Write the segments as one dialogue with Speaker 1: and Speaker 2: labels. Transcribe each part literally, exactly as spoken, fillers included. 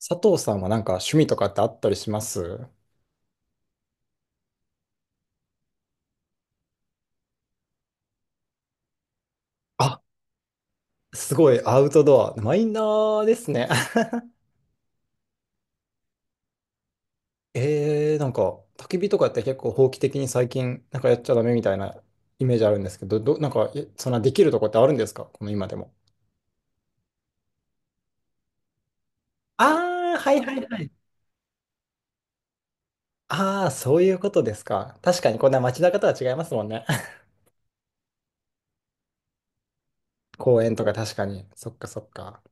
Speaker 1: 佐藤さんはなんか趣味とかってあったりします？あ、すごいアウトドア。マイナーですね。えー、なんか焚き火とかって結構法規的に最近なんかやっちゃダメみたいなイメージあるんですけど、ど、なんかえそんなできるとこってあるんですか、この今でも？ああ、はいはいはい。ああ、そういうことですか。確かにこんな街中とは違いますもんね。公園とか確かに。そっかそっか。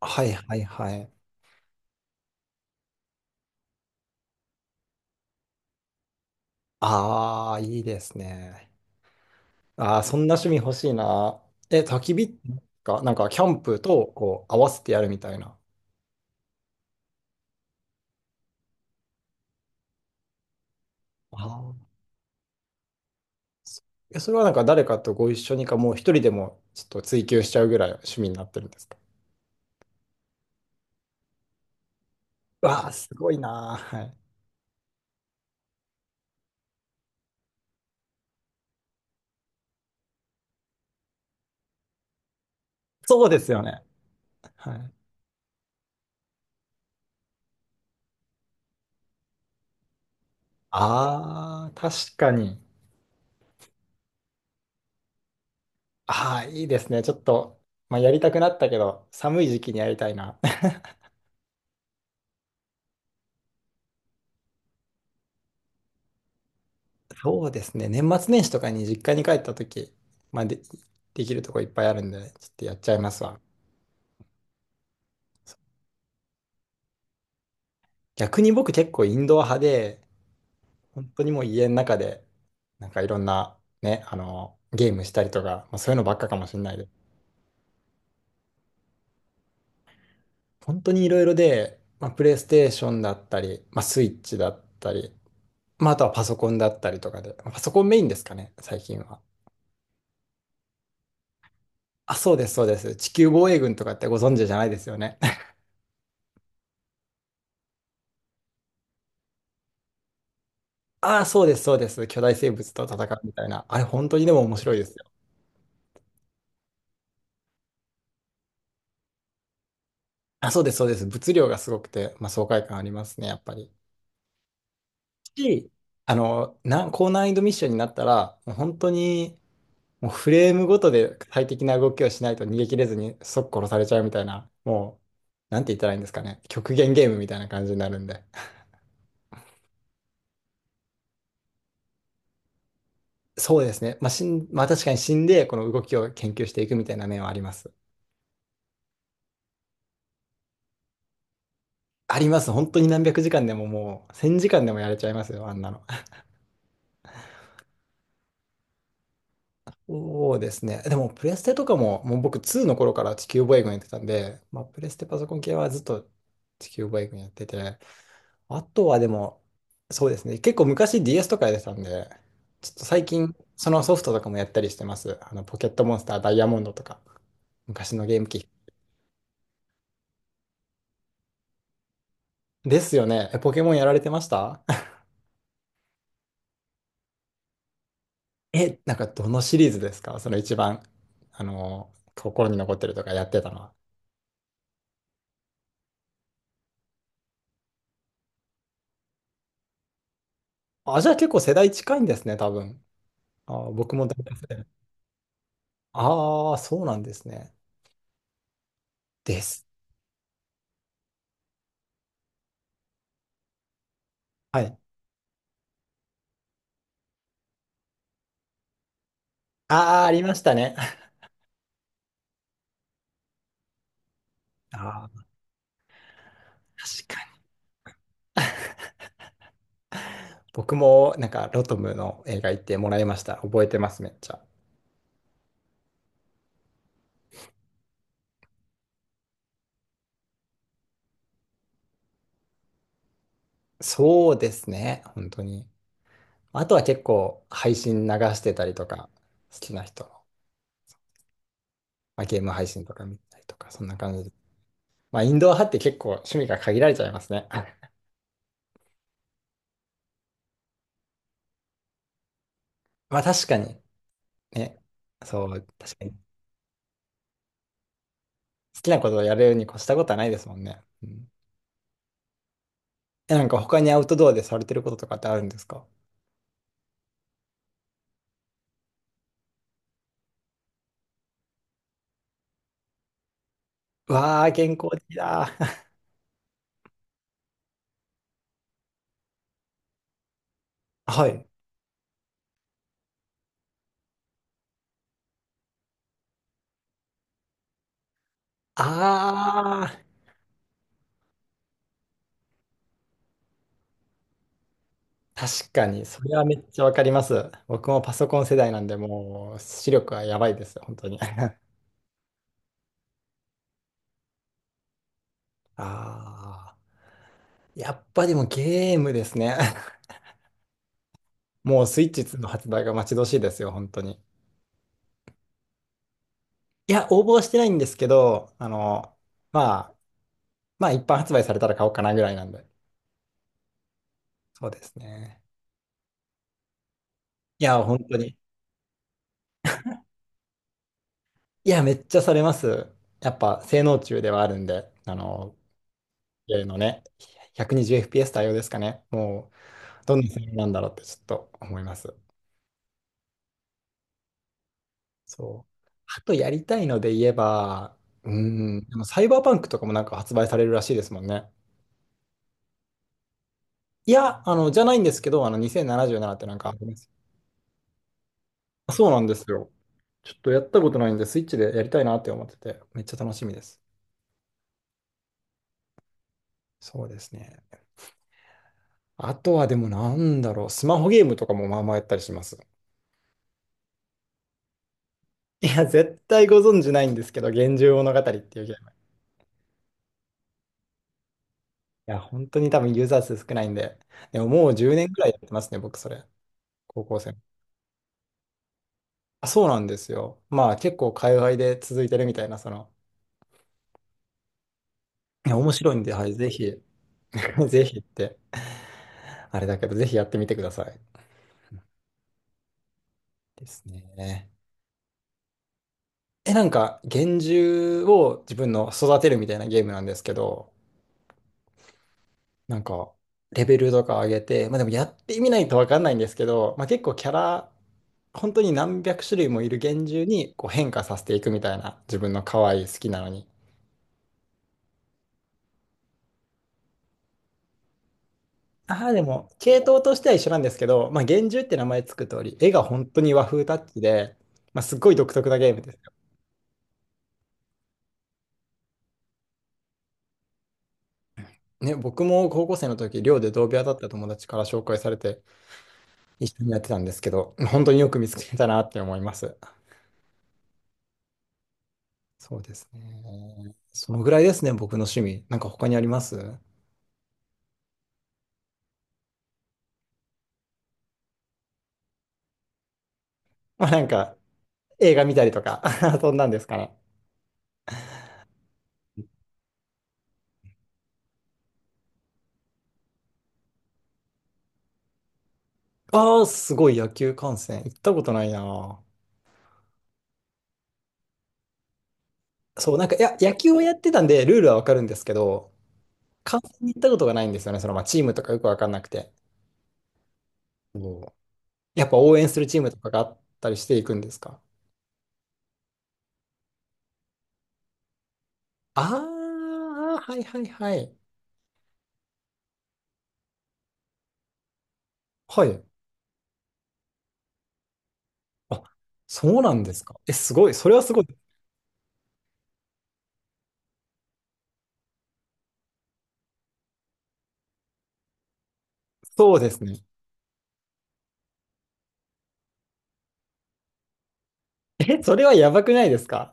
Speaker 1: はいはいはい。ああ、いいですね。ああ、そんな趣味欲しいな。え、焚き火か、なんかキャンプとこう合わせてやるみたいな。ああ。そえそれはなんか誰かとご一緒にか、もう一人でもちょっと追求しちゃうぐらい趣味になってるんですか？わあ、すごいな。はい。そうですよね。はい。ああ、確かに。ああ、いいですね。ちょっと、まあ、やりたくなったけど、寒い時期にやりたいな。そうですね。年末年始とかに実家に帰った時、まあ、で、できるとこいっぱいあるんで、ちょっとやっちゃいますわ。逆に僕結構インドア派で、本当にもう家の中で、なんかいろんなね、あの、ゲームしたりとか、まあ、そういうのばっかかもしれないで、本当にいろいろで、まあ、プレイステーションだったり、まあ、スイッチだったり、まあ、あとはパソコンだったりとかで、まあパソコンメインですかね、最近は。あ、そうです、そうです。地球防衛軍とかってご存知じゃないですよね？ああ、そうです、そうです。巨大生物と戦うみたいな。あれ、本当にでも面白いですよ。あ、そうです、そうです。物量がすごくて、まあ、爽快感ありますね、やっぱり。し、あの、な、高難易度ミッションになったら、もう本当に、もうフレームごとで最適な動きをしないと逃げ切れずに即殺されちゃうみたいな、もう、なんて言ったらいいんですかね。極限ゲームみたいな感じになるんで。そうですね。まあ、死ん、まあ確かに死んで、この動きを研究していくみたいな面はあります。あります。本当に何百時間でももう、せんじかんでもやれちゃいますよ、あんなの。そうですね。でも、プレステとかも、もう僕ツーの頃から地球防衛軍やってたんで、まあ、プレステパソコン系はずっと地球防衛軍やってて、あとはでも、そうですね。結構昔 ディーエス とかやってたんで、ちょっと最近、そのソフトとかもやったりしてます。あの、ポケットモンスターダイヤモンドとか、昔のゲーム機。ですよね。え、ポケモンやられてました？ え、なんかどのシリーズですかその一番、あの、心に残ってるとかやってたのは？あ、じゃあ結構世代近いんですね、多分。あ、僕も大体世代。ああ、そうなんですね。です。はい。ああ、ありましたね。ああ、確僕もなんかロトムの映画行ってもらいました。覚えてます、めっちゃ。そうですね、本当に。あとは結構配信流してたりとか、好きな人の、まあ、ゲーム配信とか見たりとか、そんな感じで。まあ、インドア派って結構趣味が限られちゃいますね。まあ、確かに。ね。そう、確かに。好きなことをやるに越したことはないですもんね。うん、え、なんか他にアウトドアでされてることとかってあるんですか？わあ、健康的だ。はい。ああ。確かに、それはめっちゃわかります。僕もパソコン世代なんで、もう視力はやばいです、本当に。ああ、やっぱでもゲームですね。もうスイッチにの発売が待ち遠しいですよ、本当に。いや、応募はしてないんですけど、あの、まあ、まあ一般発売されたら買おうかなぐらいなんで。そうですね。いや、本当に。いや、めっちゃされます。やっぱ性能中ではあるんで、あの、ゲームのね、ひゃくにじゅうエフピーエス 対応ですかね。もう、どんな性能なんだろうってちょっと思います。そう。あとやりたいので言えば、うーん。でもサイバーパンクとかもなんか発売されるらしいですもんね。いや、あの、じゃないんですけど、あの、にせんななじゅうななってなんかあります？あそうなんですよ。ちょっとやったことないんで、スイッチでやりたいなって思ってて、めっちゃ楽しみです。そうですね。あとはでもなんだろう、スマホゲームとかもまあまあやったりします。いや、絶対ご存知ないんですけど、幻獣物語っていうゲーム。いや、本当に多分ユーザー数少ないんで、でももうじゅうねんぐらいやってますね、僕それ。高校生。あ、そうなんですよ。まあ結構海外で続いてるみたいな、その、いや面白いんで、はい、ぜひ、ぜひって、あれだけど、ぜひやってみてください。ですね。え、なんか、幻獣を自分の育てるみたいなゲームなんですけど、なんか、レベルとか上げて、まあでもやってみないとわかんないんですけど、まあ結構キャラ、本当に何百種類もいる幻獣にこう変化させていくみたいな、自分の可愛い好きなのに。ああ、でも、系統としては一緒なんですけど、まあ、幻獣って名前つく通り、絵が本当に和風タッチで、まあ、すっごい独特なゲームですよ。ね、僕も高校生の時、寮で同部屋だった友達から紹介されて、一緒にやってたんですけど、本当によく見つけたなって思います。そうですね。そのぐらいですね、僕の趣味。なんか他にあります？まあ、なんか、映画見たりとか、そんなんですかね。ああ、すごい野球観戦。行ったことないな。そう、なんか、いや、野球をやってたんで、ルールはわかるんですけど、観戦に行ったことがないんですよね。その、まあ、チームとかよくわかんなくて。おー、やっぱ応援するチームとかがあったりしていくんですか？ああー、はいはいはい。はい。あ、そうなんですか。え、すごい。それはすごい。そうですね。え、それはやばくないですか？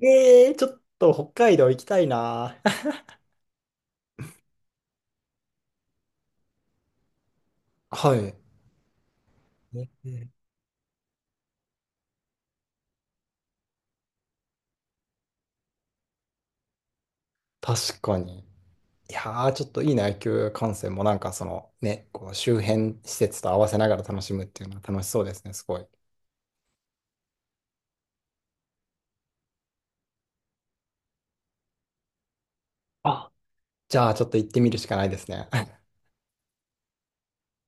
Speaker 1: えー、ちょっと北海道行きたいな。はい。ね、ね。確かに。いやー、ちょっといいな、野球観戦もなんかそのね、こう周辺施設と合わせながら楽しむっていうのは楽しそうですね、すごい。あ、じゃあ、ちょっと行ってみるしかないですね。